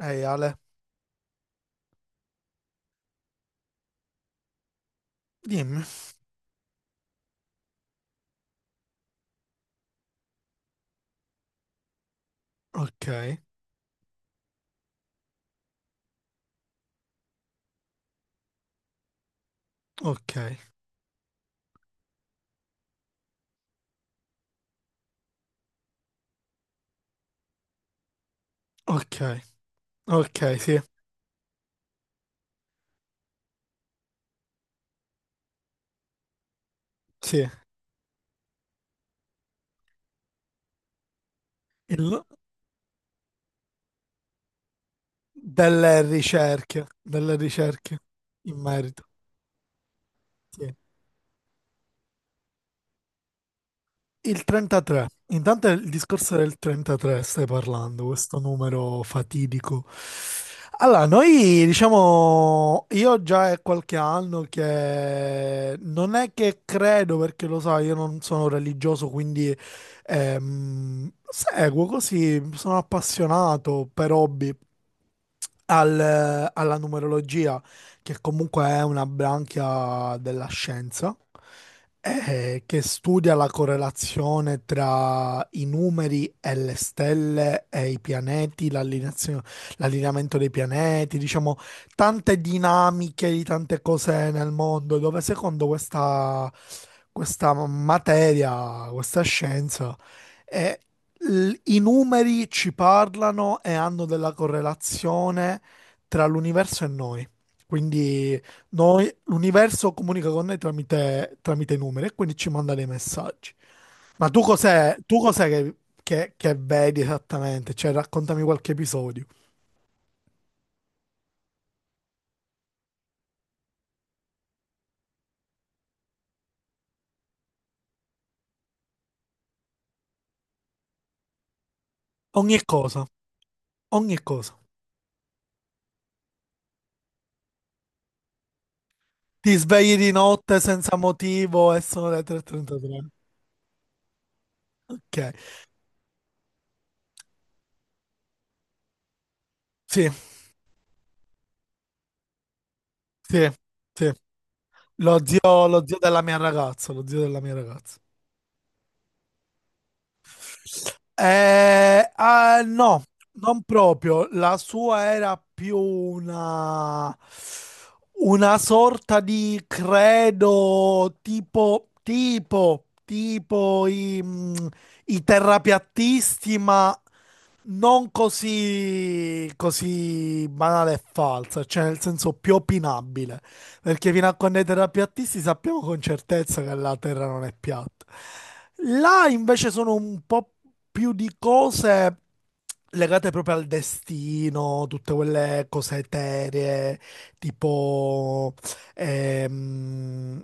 Ehi Ale, dimmi. Ok, ok, ok, ok, sì, sì. Il- delle ricerche in merito. Sì. Il 33. Intanto il discorso del 33 stai parlando, questo numero fatidico. Allora, noi diciamo, io già è qualche anno che non è che credo, perché lo sai, io non sono religioso, quindi seguo così, sono appassionato per hobby alla numerologia che comunque è una branchia della scienza, che studia la correlazione tra i numeri e le stelle e i pianeti, l'allineamento dei pianeti, diciamo, tante dinamiche di tante cose nel mondo, dove secondo questa materia, questa scienza, eh, i numeri ci parlano e hanno della correlazione tra l'universo e noi. Quindi noi, l'universo comunica con noi tramite i numeri e quindi ci manda dei messaggi. Ma tu cos'è che vedi esattamente? Cioè, raccontami qualche episodio. Ogni cosa, ogni cosa. Ti svegli di notte senza motivo e sono le 3.33. Ok, sì, sì, sì. Lo zio della mia ragazza, lo zio della mia ragazza. Ah, no, non proprio. La sua era più una sorta di credo tipo i terrapiattisti, ma non così banale e falsa, cioè nel senso più opinabile. Perché fino a quando i terrapiattisti sappiamo con certezza che la Terra non è piatta. Là invece sono un po' più di cose legate proprio al destino, tutte quelle cose eteree, tipo ehm,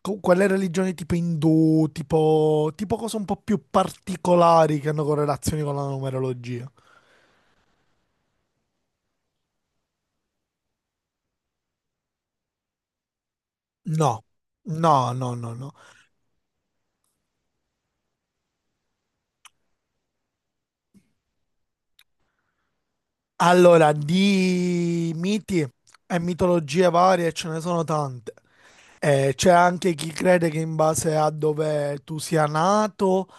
quelle religioni tipo indù, tipo cose un po' più particolari che hanno correlazioni con la numerologia. No, no, no, no, no. Allora, di miti e mitologie varie ce ne sono tante. C'è anche chi crede che in base a dove tu sia nato,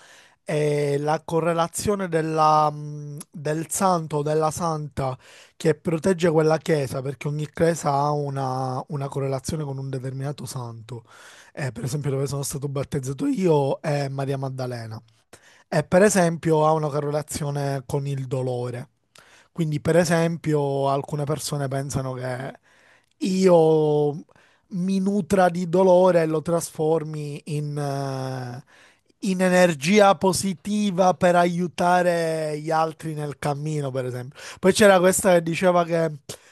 la correlazione del santo o della santa che protegge quella chiesa, perché ogni chiesa ha una correlazione con un determinato santo. Per esempio, dove sono stato battezzato io è Maria Maddalena. E per esempio ha una correlazione con il dolore. Quindi, per esempio, alcune persone pensano che io mi nutra di dolore e lo trasformi in energia positiva per aiutare gli altri nel cammino, per esempio. Poi c'era questa che diceva che,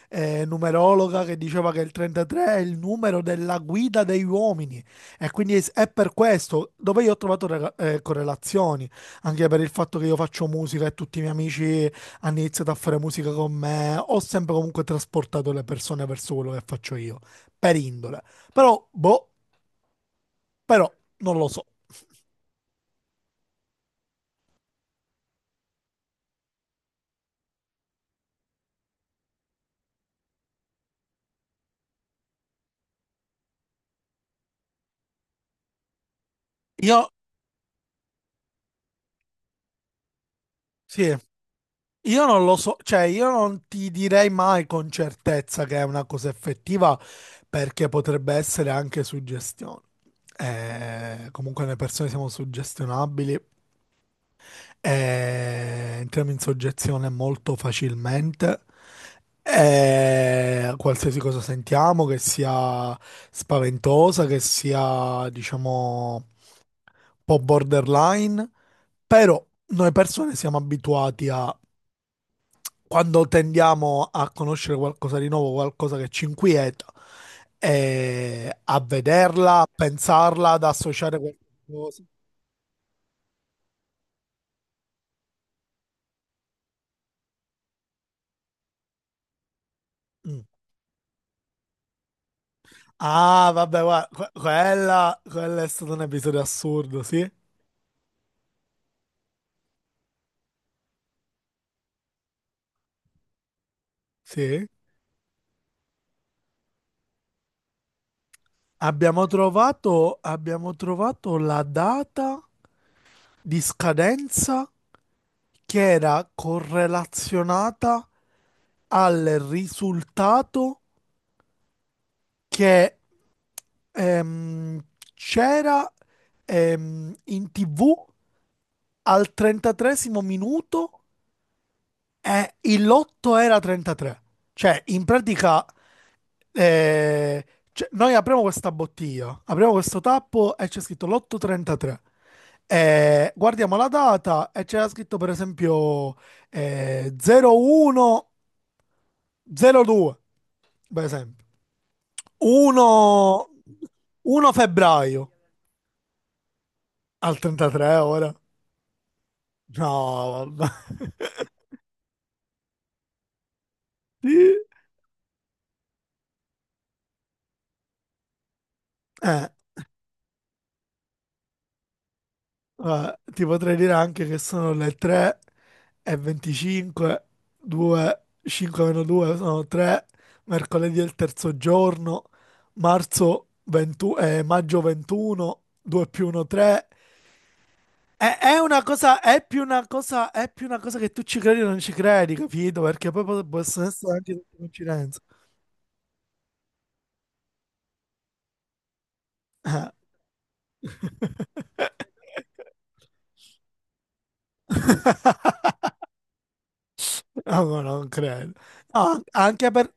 eh, numerologa, che diceva che il 33 è il numero della guida degli uomini e quindi è per questo dove io ho trovato correlazioni, anche per il fatto che io faccio musica e tutti i miei amici hanno iniziato a fare musica con me, ho sempre comunque trasportato le persone verso quello che faccio io, per indole. Però, boh, però non lo so. Io, sì, io non lo so, cioè io non ti direi mai con certezza che è una cosa effettiva perché potrebbe essere anche suggestione. Comunque le persone siamo suggestionabili. E entriamo in soggezione molto facilmente. E qualsiasi cosa sentiamo, che sia spaventosa, che sia, diciamo, un po' borderline, però noi persone siamo abituati a, quando tendiamo a conoscere qualcosa di nuovo, qualcosa che ci inquieta, a vederla, a pensarla, ad associare qualcosa. Mm. Ah, vabbè, guarda, quello è stato un episodio assurdo, sì? Sì. Abbiamo trovato la data di scadenza che era correlazionata al risultato che ehm, c'era in TV al 33 minuto, il lotto era 33. Cioè, in pratica, eh, cioè, noi apriamo questa bottiglia, apriamo questo tappo e c'è scritto lotto 33. Guardiamo la data e c'era scritto, per esempio, 01 02, per esempio. 1, 1 febbraio al 33 ora. No, vabbè. Sì. Eh, Guarda, ti potrei dire anche che sono le 3 e 25, 2, 5 meno 2 sono 3, mercoledì è il terzo giorno, maggio 21, 2 più 1 3. È una cosa, è più una cosa, è più una cosa che tu ci credi o non ci credi, capito? Perché poi possono essere anche tutte coincidenze. Eh. No, no, non credo. No.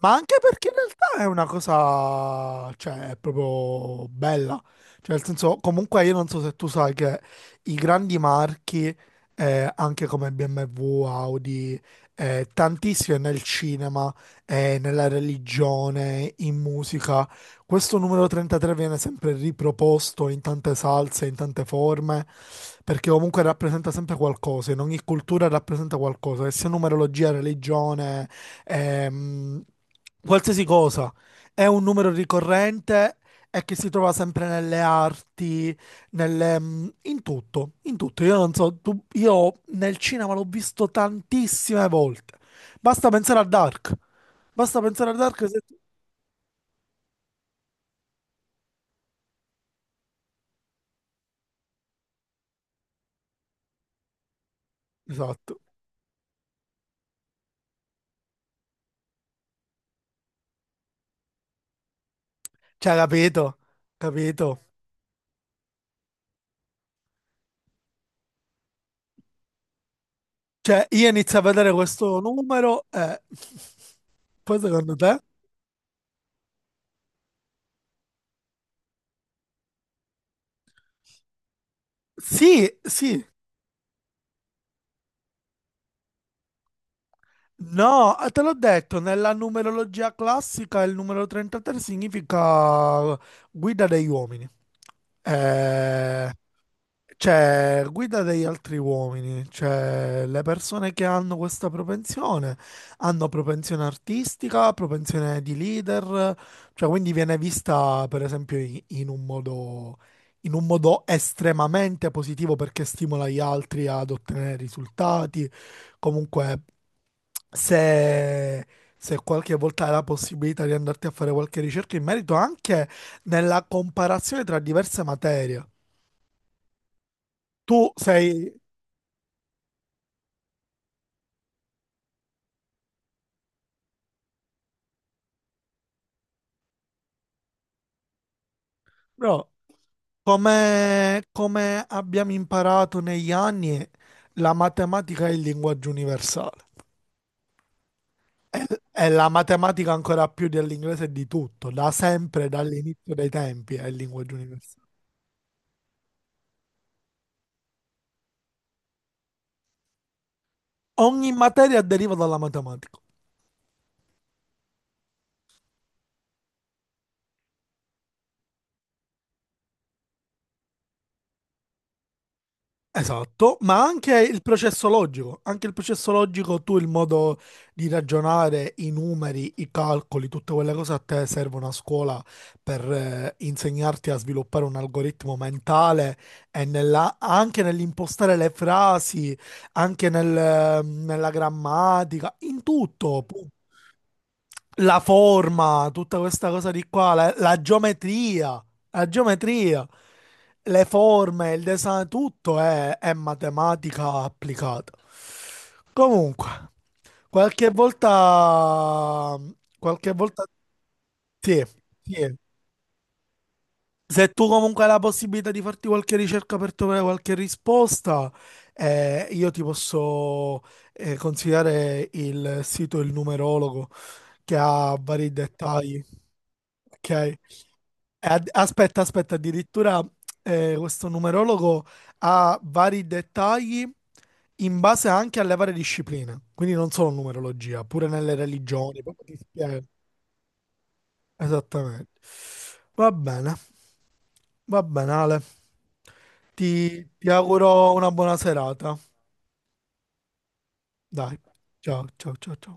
Ma anche perché in realtà è una cosa, cioè, è proprio bella. Cioè, nel senso, comunque io non so se tu sai che i grandi marchi, anche come BMW, Audi, tantissime nel cinema, nella religione, in musica, questo numero 33 viene sempre riproposto in tante salse, in tante forme, perché comunque rappresenta sempre qualcosa, in ogni cultura rappresenta qualcosa, che sia numerologia, religione ehm, qualsiasi cosa. È un numero ricorrente e che si trova sempre nelle arti, in tutto, in tutto. Io non so, io nel cinema l'ho visto tantissime volte. Basta pensare a Dark. Basta pensare a Dark. Esatto. Cioè, capito? Capito? Cioè, io inizio a vedere questo numero e poi secondo te? Sì, sì. No, te l'ho detto, nella numerologia classica il numero 33 significa guida degli uomini. Eh, cioè guida degli altri uomini, cioè le persone che hanno questa propensione hanno propensione artistica, propensione di leader, cioè quindi viene vista per esempio in un modo, in un modo estremamente positivo perché stimola gli altri ad ottenere risultati. Comunque se, se qualche volta hai la possibilità di andarti a fare qualche ricerca in merito anche nella comparazione tra diverse materie. Tu sei, no, come abbiamo imparato negli anni, la matematica è il linguaggio universale. È, è la matematica ancora più dell'inglese e di tutto, da sempre, dall'inizio dei tempi, è il linguaggio universale. Ogni materia deriva dalla matematica. Esatto, ma anche il processo logico, anche il processo logico, tu il modo di ragionare, i numeri, i calcoli, tutte quelle cose a te serve una scuola per insegnarti a sviluppare un algoritmo mentale e anche nell'impostare le frasi, anche nella grammatica, in tutto la forma, tutta questa cosa di qua, la geometria, la geometria, le forme, il design, tutto è matematica applicata. Comunque, qualche volta, qualche volta, sì, sì, se tu comunque hai la possibilità di farti qualche ricerca per trovare qualche risposta, io ti posso consigliare il sito Il Numerologo che ha vari dettagli. Ok? E aspetta, aspetta, addirittura questo numerologo ha vari dettagli in base anche alle varie discipline, quindi non solo numerologia, pure nelle religioni, proprio ti spiega esattamente. Va bene. Va bene, Ale. Ti auguro una buona serata. Dai, ciao, ciao, ciao, ciao.